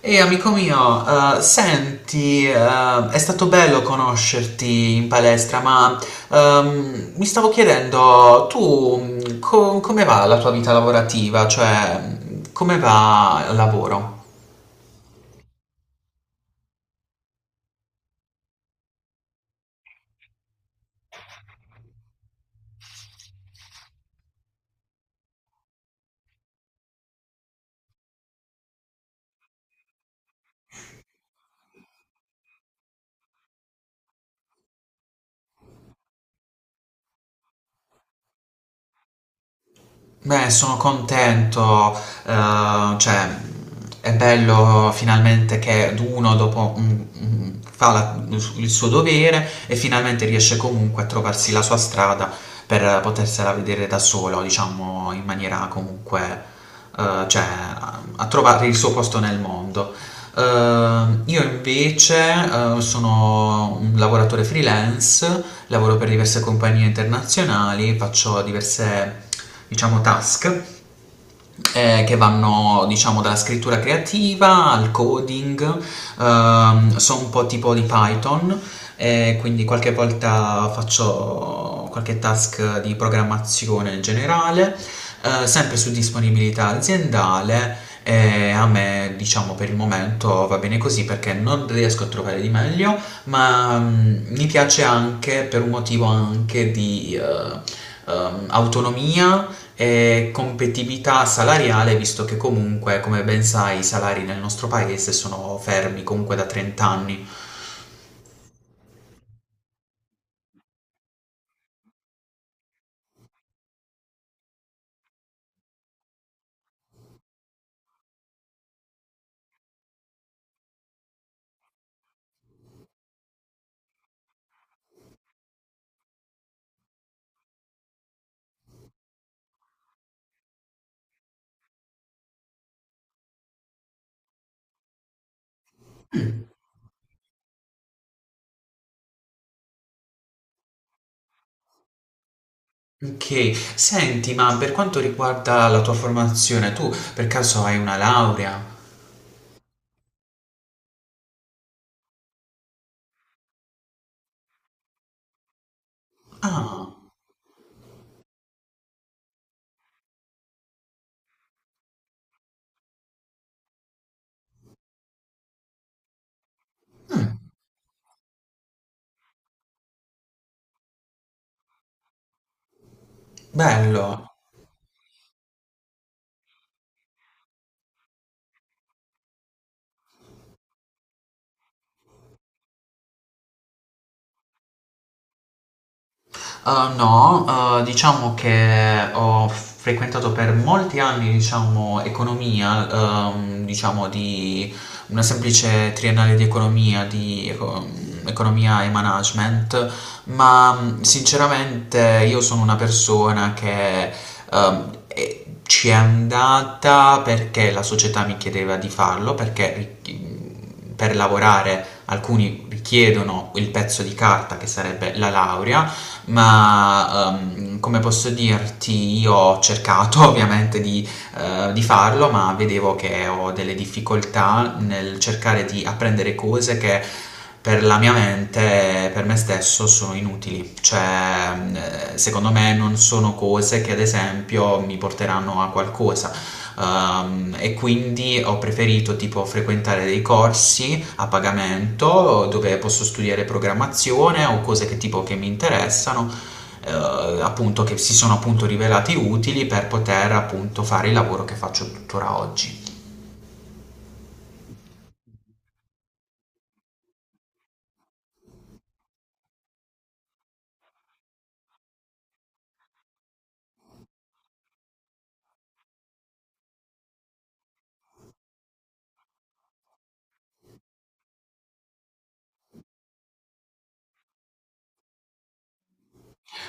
Ehi amico mio, senti, è stato bello conoscerti in palestra, ma mi stavo chiedendo, tu come va la tua vita lavorativa? Cioè, come va il lavoro? Beh, sono contento, cioè è bello finalmente che uno dopo fa la- il suo dovere e finalmente riesce comunque a trovarsi la sua strada per potersela vedere da solo, diciamo in maniera comunque, cioè a trovare il suo posto nel mondo. Io invece, sono un lavoratore freelance, lavoro per diverse compagnie internazionali, faccio diverse diciamo task che vanno diciamo dalla scrittura creativa al coding, so un po' tipo di Python, quindi qualche volta faccio qualche task di programmazione in generale, sempre su disponibilità aziendale. E a me, diciamo, per il momento va bene così perché non riesco a trovare di meglio ma mi piace anche per un motivo anche di autonomia e competitività salariale, visto che comunque, come ben sai, i salari nel nostro paese sono fermi comunque da 30 anni. Ok, senti, ma per quanto riguarda la tua formazione, tu per caso hai una laurea? Ah, bello. No, diciamo che ho frequentato per molti anni, diciamo, economia, diciamo di una semplice triennale di economia, economia e management, ma sinceramente io sono una persona che ci è andata perché la società mi chiedeva di farlo, ri- per lavorare alcuni richiedono il pezzo di carta che sarebbe la laurea ma come posso dirti, io ho cercato ovviamente di farlo, ma vedevo che ho delle difficoltà nel cercare di apprendere cose che per la mia mente, per me stesso, sono inutili. Cioè, secondo me non sono cose che ad esempio mi porteranno a qualcosa. E quindi ho preferito tipo frequentare dei corsi a pagamento dove posso studiare programmazione o cose che tipo che mi interessano, eh, appunto che si sono appunto rivelati utili per poter appunto fare il lavoro che faccio tuttora oggi.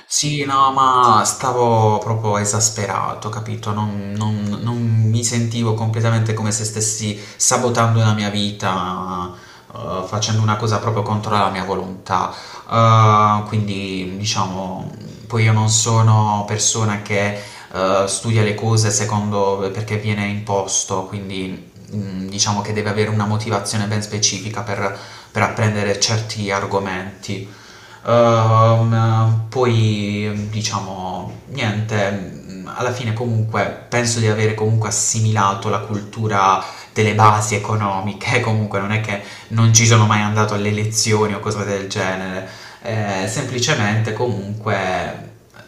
Sì, no, ma stavo proprio esasperato, capito? Non mi sentivo completamente come se stessi sabotando la mia vita, facendo una cosa proprio contro la mia volontà. Quindi, diciamo, poi io non sono persona che studia le cose secondo perché viene imposto, quindi diciamo che deve avere una motivazione ben specifica per apprendere certi argomenti. Poi diciamo niente, alla fine comunque penso di avere comunque assimilato la cultura delle basi economiche, comunque non è che non ci sono mai andato alle elezioni o cose del genere, semplicemente comunque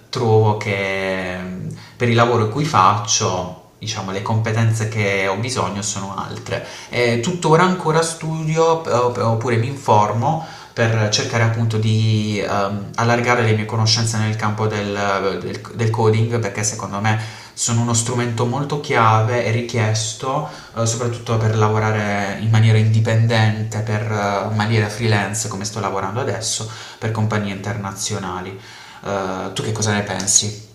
trovo che per il lavoro cui faccio diciamo, le competenze che ho bisogno sono altre. Tuttora ancora studio oppure mi informo per cercare appunto di allargare le mie conoscenze nel campo del coding, perché secondo me sono uno strumento molto chiave e richiesto soprattutto per lavorare in maniera indipendente, per in maniera freelance come sto lavorando adesso, per compagnie internazionali. Tu che cosa ne pensi?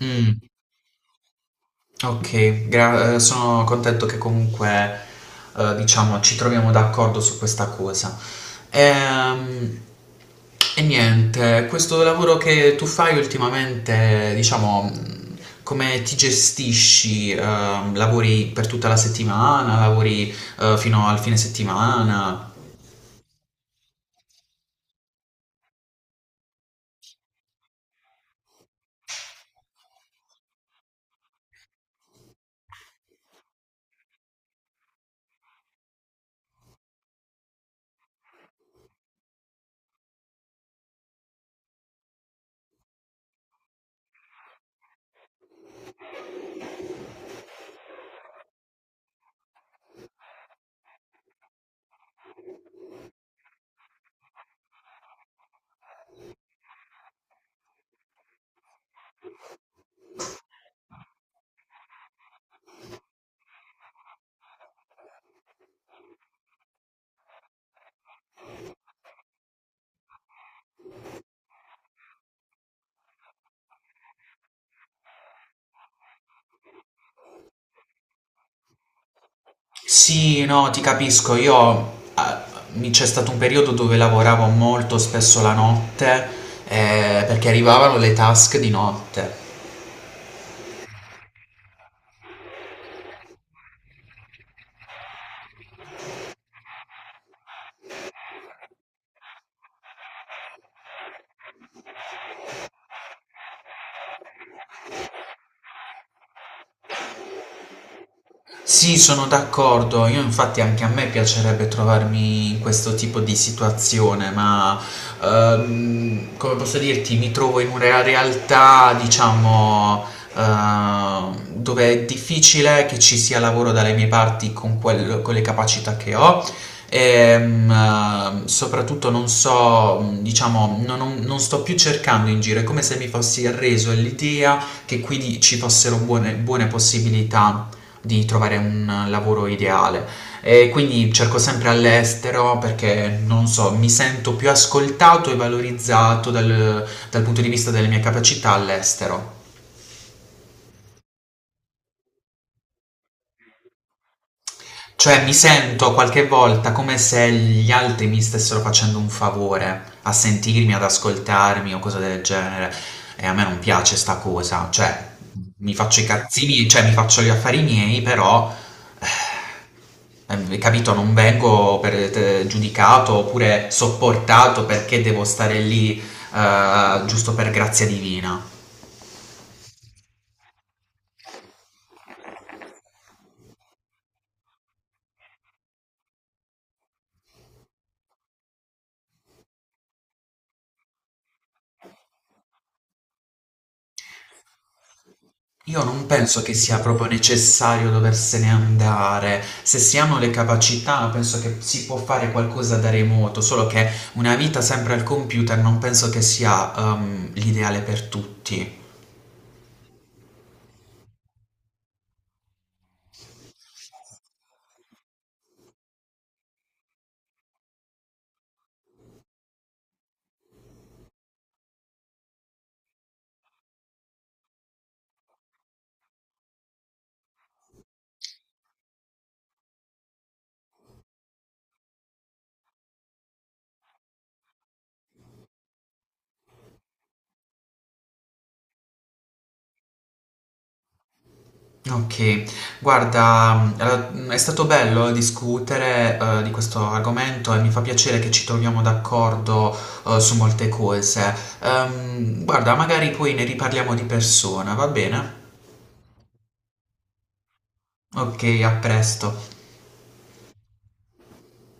Mm. Ok, sono contento che comunque, diciamo, ci troviamo d'accordo su questa cosa. Ehm, e niente, questo lavoro che tu fai ultimamente, diciamo, come ti gestisci? Lavori per tutta la settimana? Lavori, fino al fine settimana? Sì, no, ti capisco. Io c'è stato un periodo dove lavoravo molto spesso la notte perché arrivavano le task di notte. Sì, sono d'accordo. Io infatti anche a me piacerebbe trovarmi in questo tipo di situazione, ma come posso dirti, mi trovo in una realtà, diciamo, dove è difficile che ci sia lavoro dalle mie parti con le capacità che ho. E, soprattutto non so, diciamo, non sto più cercando in giro, è come se mi fossi arreso all'idea che qui ci fossero buone possibilità di trovare un lavoro ideale e quindi cerco sempre all'estero perché non so, mi sento più ascoltato e valorizzato dal punto di vista delle mie capacità all'estero. Cioè mi sento qualche volta come se gli altri mi stessero facendo un favore a sentirmi, ad ascoltarmi o cose del genere e a me non piace sta cosa, cioè mi faccio i cazzini, cioè mi faccio gli affari miei, però Capito, non vengo giudicato oppure sopportato perché devo stare lì giusto per grazia divina. Io non penso che sia proprio necessario doversene andare. Se si hanno le capacità, penso che si può fare qualcosa da remoto, solo che una vita sempre al computer non penso che sia l'ideale per tutti. Okay. Guarda, allora, è stato bello discutere, di questo argomento e mi fa piacere che ci troviamo d'accordo, su molte cose. Guarda, magari poi ne riparliamo di persona, va bene? Okay, a presto.